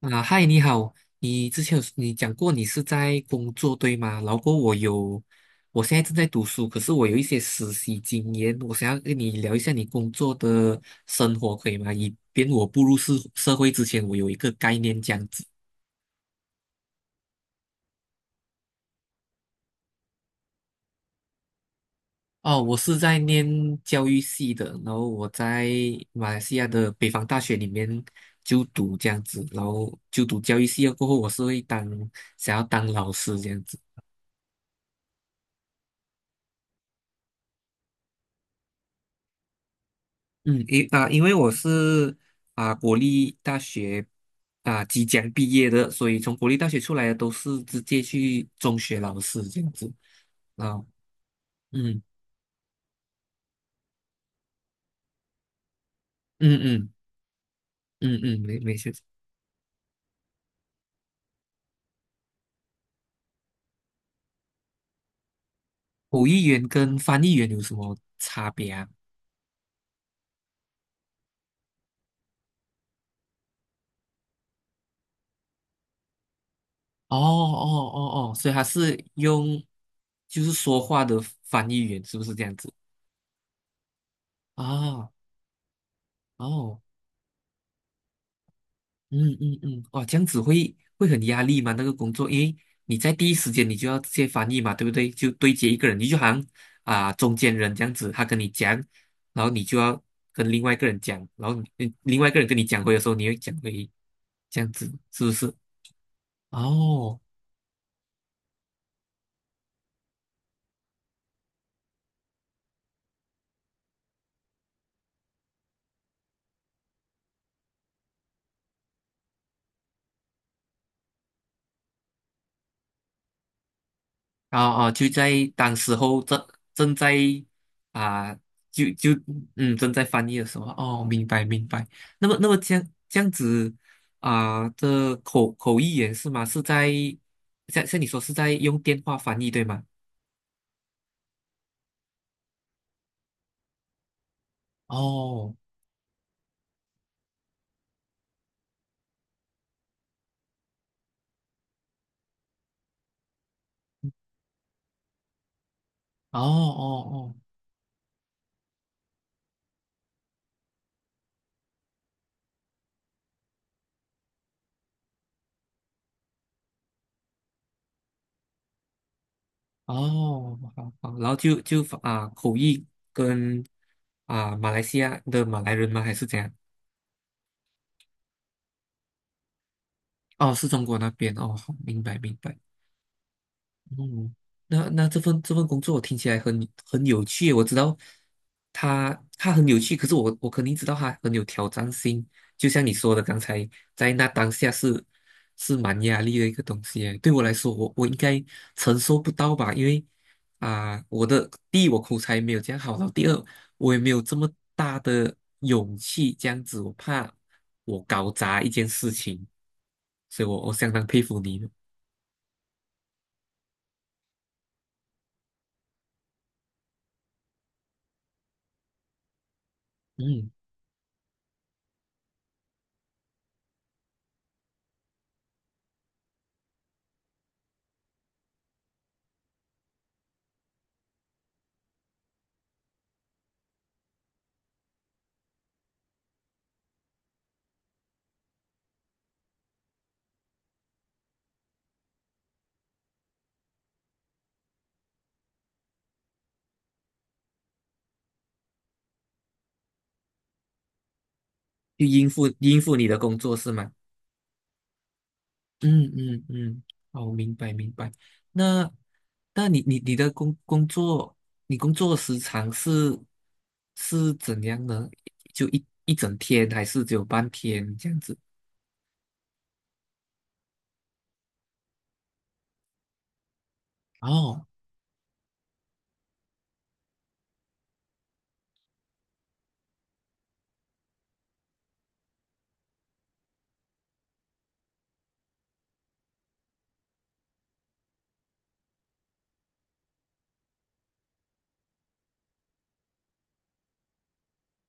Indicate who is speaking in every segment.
Speaker 1: 啊，嗨，你好，你之前你讲过你是在工作对吗？然后过后我现在正在读书，可是我有一些实习经验，我想要跟你聊一下你工作的生活，可以吗？以便我步入社会之前，我有一个概念这样子。哦，我是在念教育系的，然后我在马来西亚的北方大学里面就读这样子，然后就读教育系了过后，我是想要当老师这样子。嗯，因为我是国立大学即将毕业的，所以从国立大学出来的都是直接去中学老师这样子啊，嗯嗯嗯嗯嗯，没事。口译员跟翻译员有什么差别啊？哦哦哦哦，所以他是就是说话的翻译员，是不是这样子？啊哦，嗯嗯嗯，哇，这样子会很压力吗？那个工作，因为你在第一时间你就要直接翻译嘛，对不对？就对接一个人，你就好像中间人这样子，他跟你讲，然后你就要跟另外一个人讲，然后你另外一个人跟你讲回的时候，你会讲回，这样子是不是？哦，啊啊，就在当时候正正在啊，就就嗯正在翻译的时候，哦，明白明白。那么这样子这口译员是吗？是在像你说是在用电话翻译对吗？哦哦哦哦哦，好好，然后就就啊口译跟马来西亚的马来人吗？还是怎样？哦，是中国那边哦，好，明白明白。嗯，那这份工作听起来很有趣，我知道他很有趣，可是我肯定知道他很有挑战性。就像你说的，刚才在那当下是蛮压力的一个东西耶对我来说，我应该承受不到吧？因为我的第一我口才没有这样好，然后第二我也没有这么大的勇气这样子，我怕我搞砸一件事情，所以我相当佩服你嗯。去应付应付你的工作是吗？嗯嗯嗯，哦，明白明白。那那你的工作，你工作时长是怎样呢？就一整天，还是只有半天这样子？哦，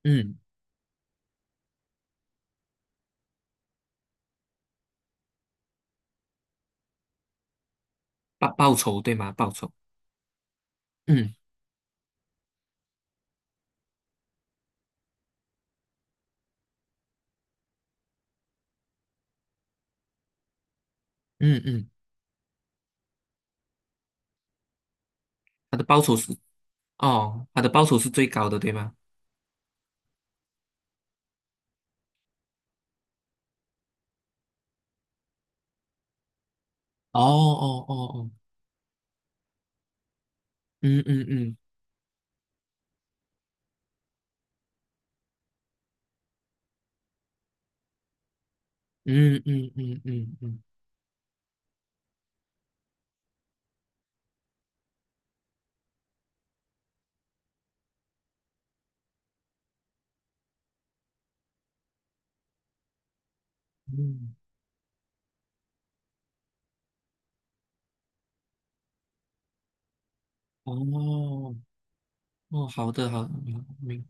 Speaker 1: 嗯，报酬对吗？报酬，嗯嗯嗯，他的报酬是哦，他的报酬是最高的对吗？哦哦哦哦，嗯嗯嗯嗯嗯嗯嗯嗯嗯，哦哦，好的好的，明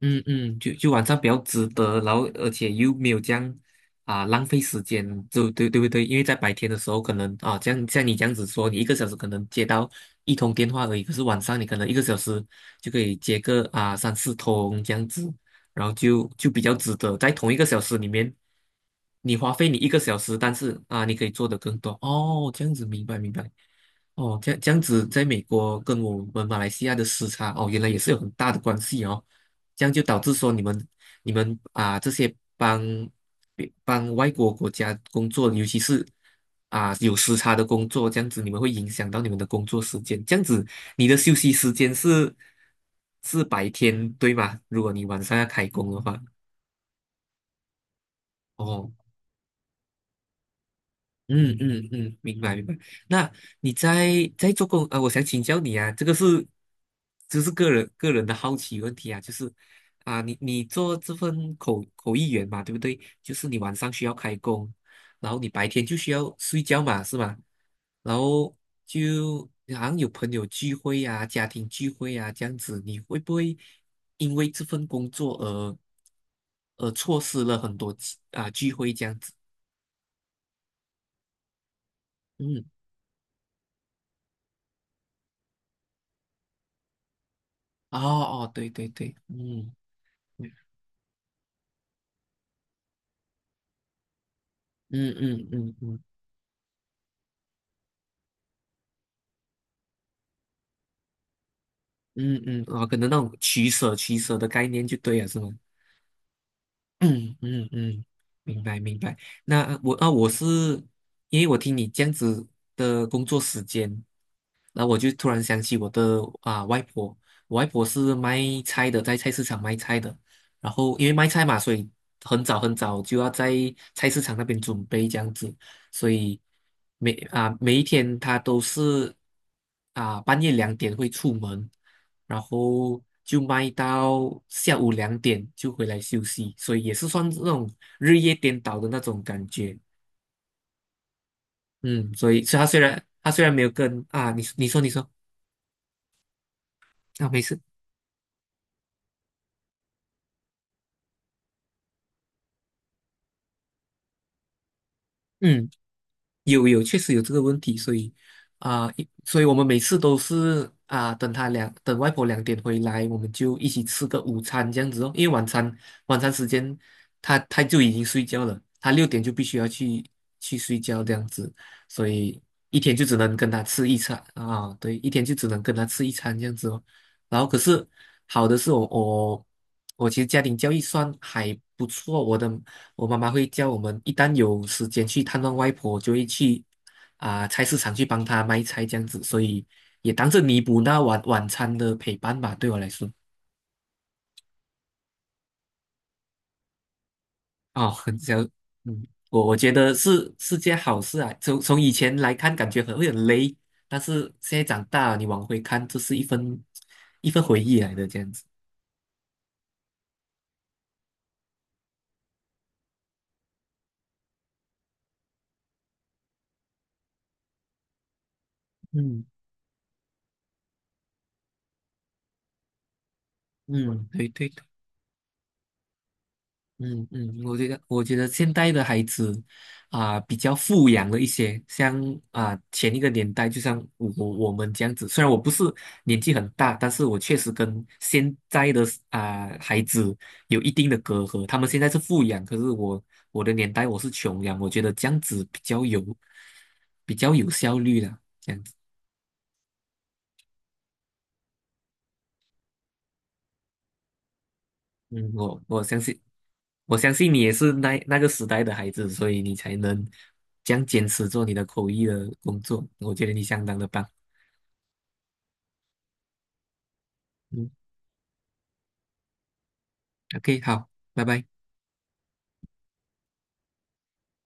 Speaker 1: 嗯嗯，就晚上比较值得，然后而且又没有这样浪费时间，就对对不对？因为在白天的时候，可能啊，像你这样子说，你一个小时可能接到一通电话而已，可是晚上你可能一个小时就可以接个三四通这样子，然后就比较值得，在同一个小时里面，你花费你一个小时，但是啊，你可以做的更多哦，这样子明白明白。哦，这样子，在美国跟我们马来西亚的时差哦，原来也是有很大的关系哦。这样就导致说你们这些帮外国国家工作，尤其是有时差的工作，这样子你们会影响到你们的工作时间。这样子你的休息时间是白天，对吗？如果你晚上要开工的话，哦，嗯嗯嗯，明白明白。那你在做工啊？我想请教你啊，这是个人的好奇问题啊，就是，你做这份口译员嘛，对不对？就是你晚上需要开工，然后你白天就需要睡觉嘛，是吗？然后就好像有朋友聚会啊、家庭聚会啊这样子，你会不会因为这份工作而错失了很多聚会这样子？嗯。哦哦，对对对，嗯嗯嗯嗯嗯嗯嗯，哦，可能那种取舍的概念就对了，是吗？嗯嗯嗯，明白明白。那我是因为我听你这样子的工作时间，那我就突然想起我的外婆，我外婆是卖菜的，在菜市场卖菜的。然后因为卖菜嘛，所以很早很早就要在菜市场那边准备这样子。所以每一天他都是半夜两点会出门，然后就卖到下午两点就回来休息，所以也是算那种日夜颠倒的那种感觉。嗯，所以他虽然没有跟，你说，没事，嗯。有有，确实有这个问题，所以所以我们每次都是等外婆两点回来，我们就一起吃个午餐这样子哦。因为晚餐时间他就已经睡觉了，他6点就必须要去睡觉这样子，所以一天就只能跟他吃一餐啊、对，一天就只能跟他吃一餐这样子哦。然后可是好的是我其实家庭教育算还不错，我妈妈会叫我们一旦有时间去探望外婆，就会去菜市场去帮她卖菜这样子，所以也当是弥补那晚餐的陪伴吧，对我来说。哦，很想，嗯，我觉得是件好事啊。从以前来看，感觉很会很累，但是现在长大了，你往回看，这是一份回忆来的这样子。嗯嗯，对对对。嗯嗯，我觉得现代的孩子比较富养了一些，像前一个年代，就像我们这样子，虽然我不是年纪很大，但是我确实跟现在的孩子有一定的隔阂。他们现在是富养，可是我的年代我是穷养，我觉得这样子比较有效率的。嗯，我相信，我相信你也是那个时代的孩子，所以你才能这样坚持做你的口译的工作。我觉得你相当的棒。嗯，OK，好，拜拜。